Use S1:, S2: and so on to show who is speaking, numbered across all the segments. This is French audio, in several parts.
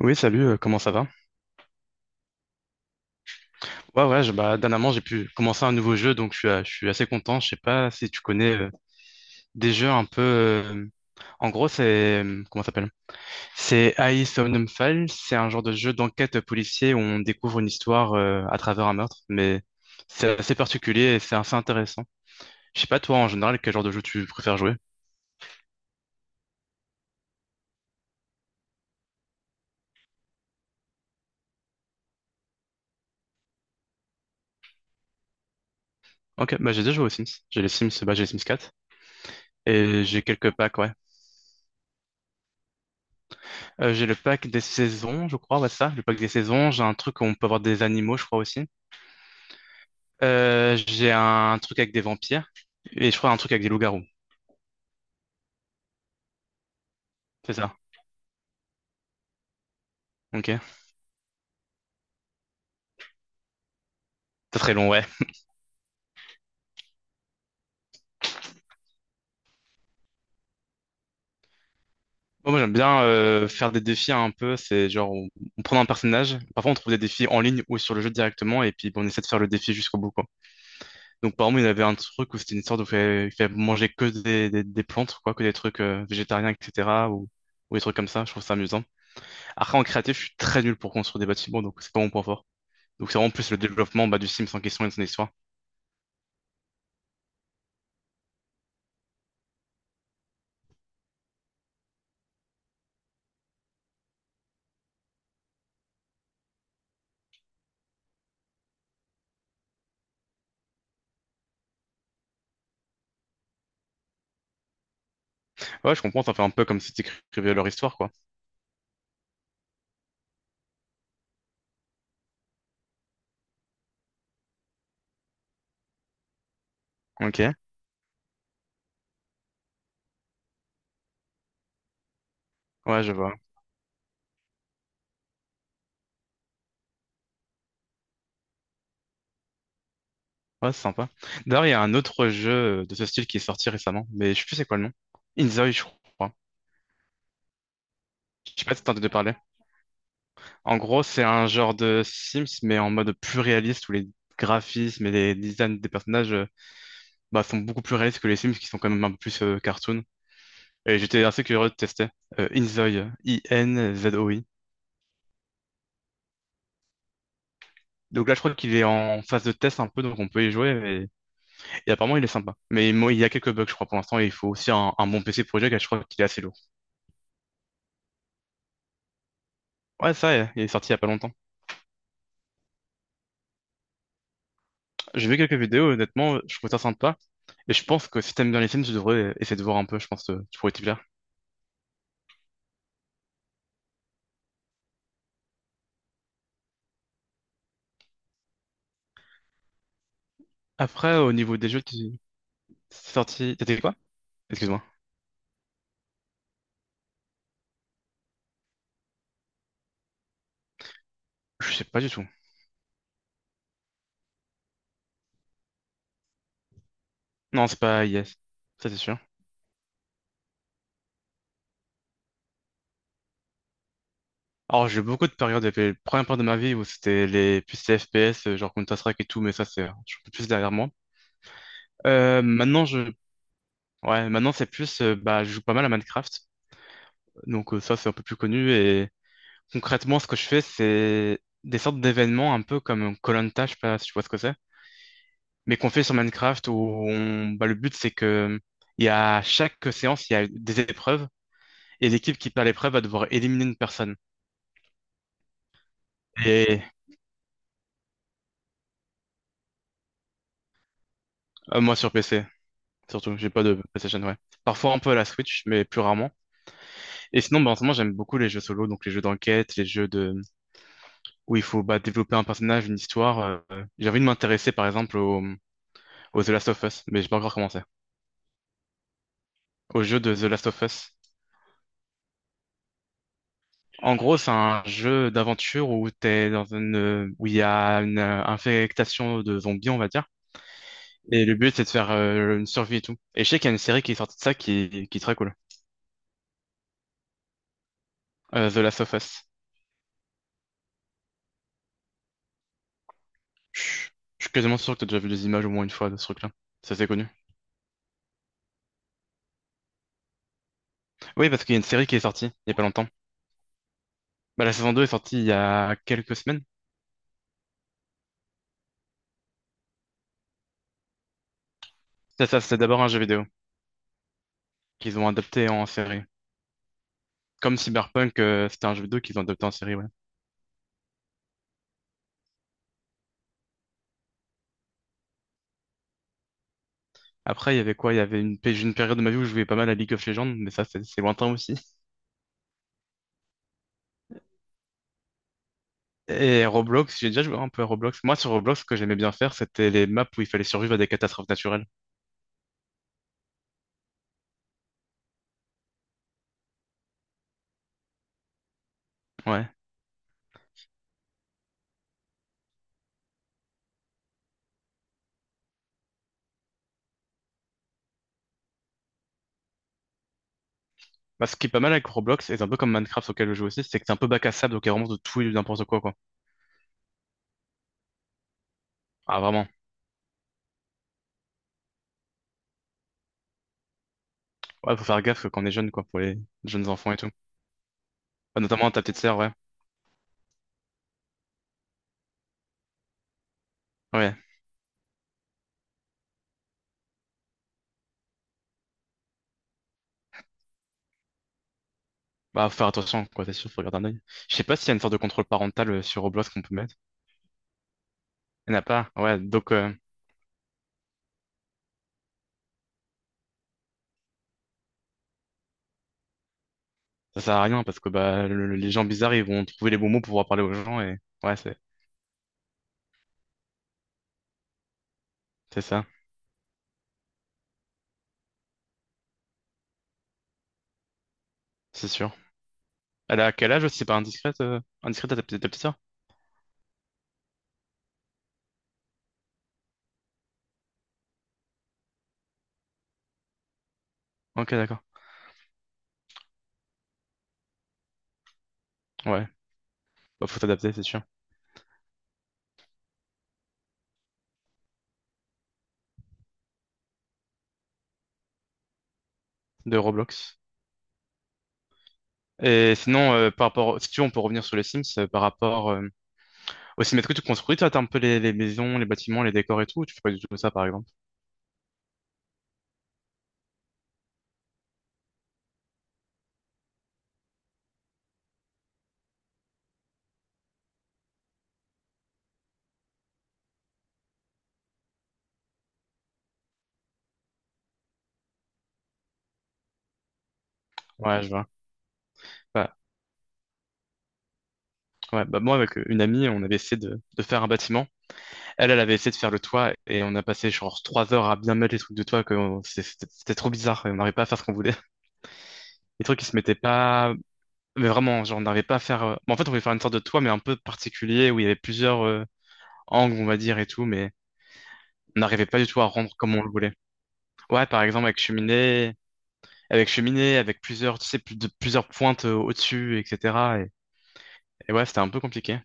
S1: Oui, salut, comment ça va? Ouais, ouais, bah, dernièrement, j'ai pu commencer un nouveau jeu, donc je suis assez content. Je sais pas si tu connais des jeux un peu. En gros, c'est, comment ça s'appelle? C'est AI Somnambules. C'est un genre de jeu d'enquête policier où on découvre une histoire à travers un meurtre, mais c'est assez particulier et c'est assez intéressant. Je sais pas, toi, en général, quel genre de jeu tu préfères jouer? Ok, bah, j'ai déjà joué aux Sims. J'ai les Sims 4 et j'ai quelques packs, ouais. J'ai le pack des saisons, je crois, ouais, c'est ça, le pack des saisons. J'ai un truc où on peut avoir des animaux, je crois aussi. J'ai un truc avec des vampires et je crois un truc avec des loups-garous. C'est ça. Ok. C'est très long, ouais. Bon, moi, j'aime bien faire des défis hein, un peu. C'est genre, on prend un personnage. Parfois, on trouve des défis en ligne ou sur le jeu directement et puis bon, on essaie de faire le défi jusqu'au bout, quoi. Donc, par exemple, il y avait un truc où c'était une sorte de fait manger que des plantes, quoi, que des trucs végétariens, etc. Ou des trucs comme ça. Je trouve ça amusant. Après, en créatif, je suis très nul pour construire des bâtiments, donc c'est pas mon point fort. Donc c'est vraiment plus le développement bah, du Sims en question et de son histoire. Ouais, je comprends, ça fait un peu comme si tu écrivais leur histoire, quoi. Ok, ouais, je vois. Ouais, c'est sympa. D'ailleurs, il y a un autre jeu de ce style qui est sorti récemment, mais je sais plus c'est quoi le nom. Inzoi, je crois. Je sais pas si t'as entendu parler. En gros, c'est un genre de Sims, mais en mode plus réaliste, où les graphismes et les designs des personnages bah, sont beaucoup plus réalistes que les Sims, qui sont quand même un peu plus cartoon. Et j'étais assez curieux de tester. Inzoi, I-N-Z-O-I. Donc là, je crois qu'il est en phase de test un peu, donc on peut y jouer. Et apparemment, il est sympa. Mais moi, il y a quelques bugs, je crois, pour l'instant. Et il faut aussi un bon PC pour jouer, car je crois qu'il est assez lourd. Ouais, ça, il est sorti il y a pas longtemps. J'ai vu quelques vidéos, honnêtement, je trouve ça sympa. Et je pense que si t'aimes bien les Sims, tu devrais essayer de voir un peu, je pense que tu pourrais t'y plaire. Après, au niveau des jeux, tu... C'est sorti. T'as dit quoi? Excuse-moi. Je sais pas du tout. Non, c'est pas Yes. Ça, c'est sûr. Alors, j'ai eu beaucoup de périodes, les premières périodes de ma vie où c'était les plus les FPS, genre Counter-Strike et tout, mais ça, c'est, je suis un peu plus derrière moi. Maintenant, ouais, maintenant, c'est plus, bah, je joue pas mal à Minecraft. Donc, ça, c'est un peu plus connu. Et concrètement, ce que je fais, c'est des sortes d'événements un peu comme koh je sais pas si tu vois ce que c'est, mais qu'on fait sur Minecraft où on, bah, le but, c'est que, il y a chaque séance, il y a des épreuves. Et l'équipe qui perd l'épreuve va devoir éliminer une personne. Et moi sur PC, surtout, j'ai pas de PlayStation, ouais. Parfois un peu à la Switch, mais plus rarement. Et sinon, bah, en ce moment, j'aime beaucoup les jeux solo, donc les jeux d'enquête, les jeux de où il faut bah, développer un personnage, une histoire. J'ai envie de m'intéresser par exemple au The Last of Us, mais j'ai pas encore commencé. Au jeu de The Last of Us. En gros, c'est un jeu d'aventure où t'es dans une où il y a une infectation de zombies, on va dire. Et le but, c'est de faire une survie et tout. Et je sais qu'il y a une série qui est sortie de ça qui est très cool. The Last of Us. Je suis je suis quasiment sûr que t'as déjà vu les images au moins une fois de ce truc-là. Ça c'est connu. Oui, parce qu'il y a une série qui est sortie il y a pas longtemps. Bah, la saison 2 est sortie il y a quelques semaines. Ça, c'est d'abord un jeu vidéo qu'ils ont adapté en série. Comme Cyberpunk, c'était un jeu vidéo qu'ils ont adapté en série, ouais. Après, il y avait quoi? Il y avait une période de ma vie où je jouais pas mal à League of Legends, mais ça, c'est lointain aussi. Et Roblox, j'ai déjà joué un peu à Roblox. Moi, sur Roblox, ce que j'aimais bien faire, c'était les maps où il fallait survivre à des catastrophes naturelles. Ouais. Bah, ce qui est pas mal avec Roblox, et c'est un peu comme Minecraft auquel je joue aussi, c'est que c'est un peu bac à sable, donc il y a vraiment de tout et de n'importe quoi, quoi. Ah, vraiment. Ouais, faut faire gaffe quand on est jeune, quoi, pour les jeunes enfants et tout. Bah, notamment ta petite sœur, ouais. Ouais. Bah, faut faire attention, quoi, c'est sûr, faut garder un œil. Je sais pas s'il y a une sorte de contrôle parental sur Roblox qu'on peut mettre. Il n'y en a pas, ouais, donc ça sert à rien, parce que bah, les gens bizarres, ils vont trouver les bons mots pour pouvoir parler aux gens, et ouais, c'est ça, c'est sûr. Elle a quel âge, si c'est pas indiscrète à ta petite sœur? Ok, d'accord. Ouais. Bah, faut t'adapter, c'est sûr. De Roblox. Et sinon, par rapport, si tu veux, on peut revenir sur les Sims, par rapport au Sims. Est-ce que tu construis, toi, t'as un peu les maisons, les bâtiments, les décors et tout, ou tu fais pas du tout ça, par exemple? Ouais, je vois. Bah, ouais, bah moi, avec une amie, on avait essayé de faire un bâtiment. Elle, elle avait essayé de faire le toit et on a passé genre 3 heures à bien mettre les trucs de toit que c'était trop bizarre et on n'arrivait pas à faire ce qu'on voulait. Les trucs, ils se mettaient pas. Mais vraiment, genre, on n'arrivait pas à faire. Bon, en fait, on voulait faire une sorte de toit, mais un peu particulier, où il y avait plusieurs angles, on va dire, et tout, mais on n'arrivait pas du tout à rendre comme on le voulait. Ouais, par exemple, avec cheminée, avec plusieurs, tu sais, plusieurs pointes au-dessus, etc. Et, ouais, c'était un peu compliqué.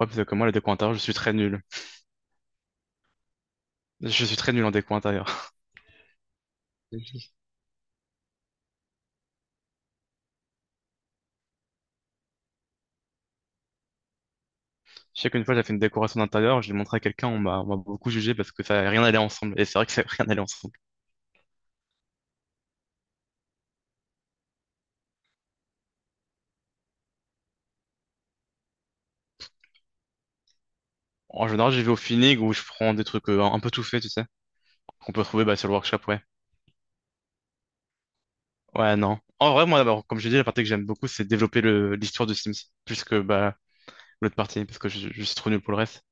S1: Ouais, parce que comme moi, le déco intérieur, je suis très nul. Je suis très nul en déco intérieur. Je sais qu'une fois, j'ai fait une décoration d'intérieur, je l'ai montré à quelqu'un, on m'a beaucoup jugé parce que ça rien n'allait ensemble. Et c'est vrai que ça rien n'allait ensemble. En général, j'y vais au feeling où je prends des trucs un peu tout faits, tu sais, qu'on peut trouver bah, sur le workshop, ouais. Ouais, non. En vrai, moi, d'abord, comme je dis, la partie que j'aime beaucoup, c'est développer l'histoire de Sims, plus que bah, l'autre partie, parce que je suis trop nul pour le reste.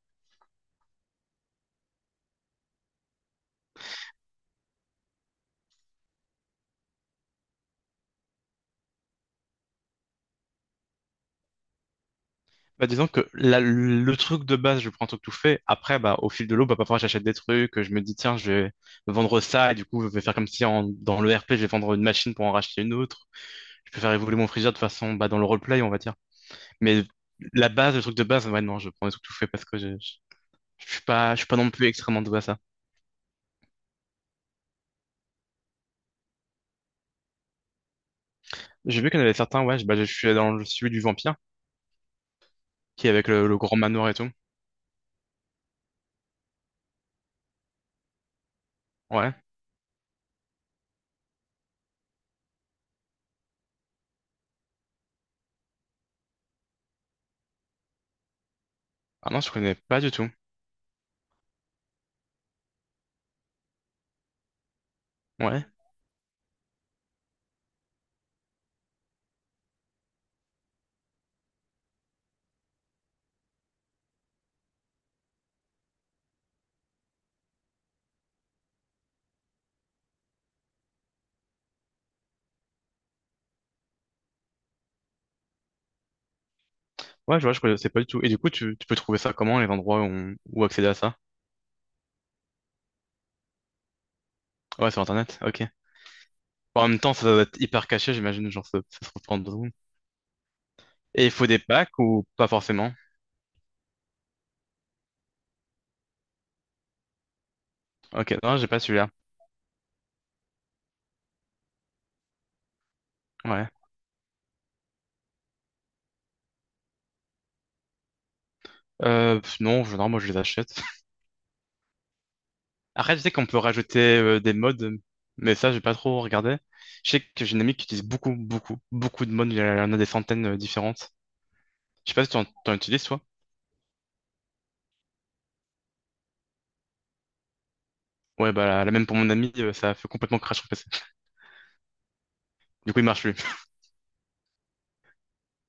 S1: Bah, disons que le truc de base, je prends un truc tout fait. Après, bah, au fil de l'eau, bah, parfois, j'achète des trucs, je me dis, tiens, je vais vendre ça, et du coup, je vais faire comme si en, dans le RP, je vais vendre une machine pour en racheter une autre. Je peux faire évoluer mon frigeur de façon, bah, dans le roleplay, on va dire. Mais la base, le truc de base, ouais, non, je prends des trucs tout fait parce que je suis pas non plus extrêmement doué à ça. J'ai vu qu'il y en avait certains, ouais, bah, je suis dans le celui du vampire. Qui est avec le grand manoir et tout. Ouais. Ah non, je connais pas du tout. Ouais. Ouais, je vois, je connaissais pas du tout. Et du coup, tu peux trouver ça comment, les endroits où accéder à ça? Ouais, sur Internet, ok. Bon, en même temps, ça doit être hyper caché, j'imagine, genre, ça se retrouve en 2 secondes. Et il faut des packs ou pas forcément? Ok, non, j'ai pas celui-là. Ouais. Pff, non, non, moi, je les achète. Après, je sais qu'on peut rajouter des mods, mais ça, j'ai pas trop regardé. Je sais que j'ai une amie qui utilise beaucoup, beaucoup, beaucoup de mods. Il y en a des centaines différentes. Je sais pas si t'en utilises. Ouais, bah, la même pour mon ami, ça a fait complètement crash sur PC. Du coup, il marche plus.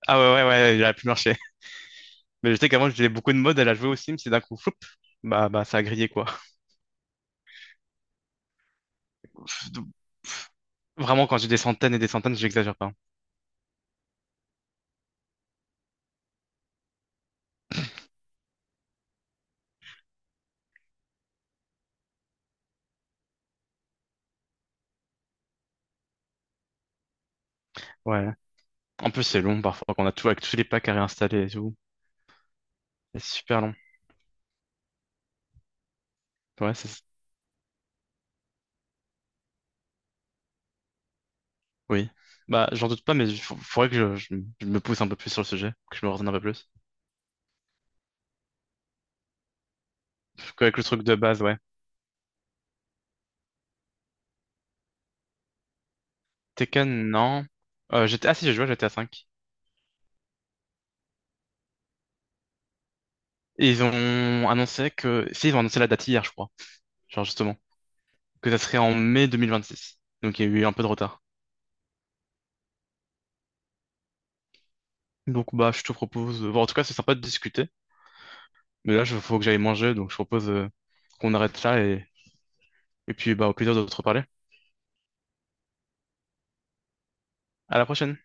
S1: Ah ouais, ouais, ouais, il a plus marché. Mais je sais qu'avant, j'avais beaucoup de modes, elle a joué au Sims, et d'un coup, floup, bah, ça a grillé, quoi. Vraiment, quand j'ai des centaines et des centaines, j'exagère pas. Ouais. En plus, c'est long, parfois, qu'on a tout, avec tous les packs à réinstaller et tout. C'est super long. Ouais, c'est, oui. Bah, j'en doute pas, mais faudrait que je me pousse un peu plus sur le sujet, que je me renseigne un peu plus. Avec le truc de base, ouais. Tekken, non. Ah si, j'ai joué à GTA 5. Et ils ont annoncé que, si, ils ont annoncé la date hier, je crois. Genre, justement, que ça serait en mai 2026. Donc il y a eu un peu de retard. Donc bah je te propose, bon, en tout cas c'est sympa de discuter, mais là il faut que j'aille manger, donc je propose qu'on arrête là et puis bah au plaisir de te reparler. À la prochaine.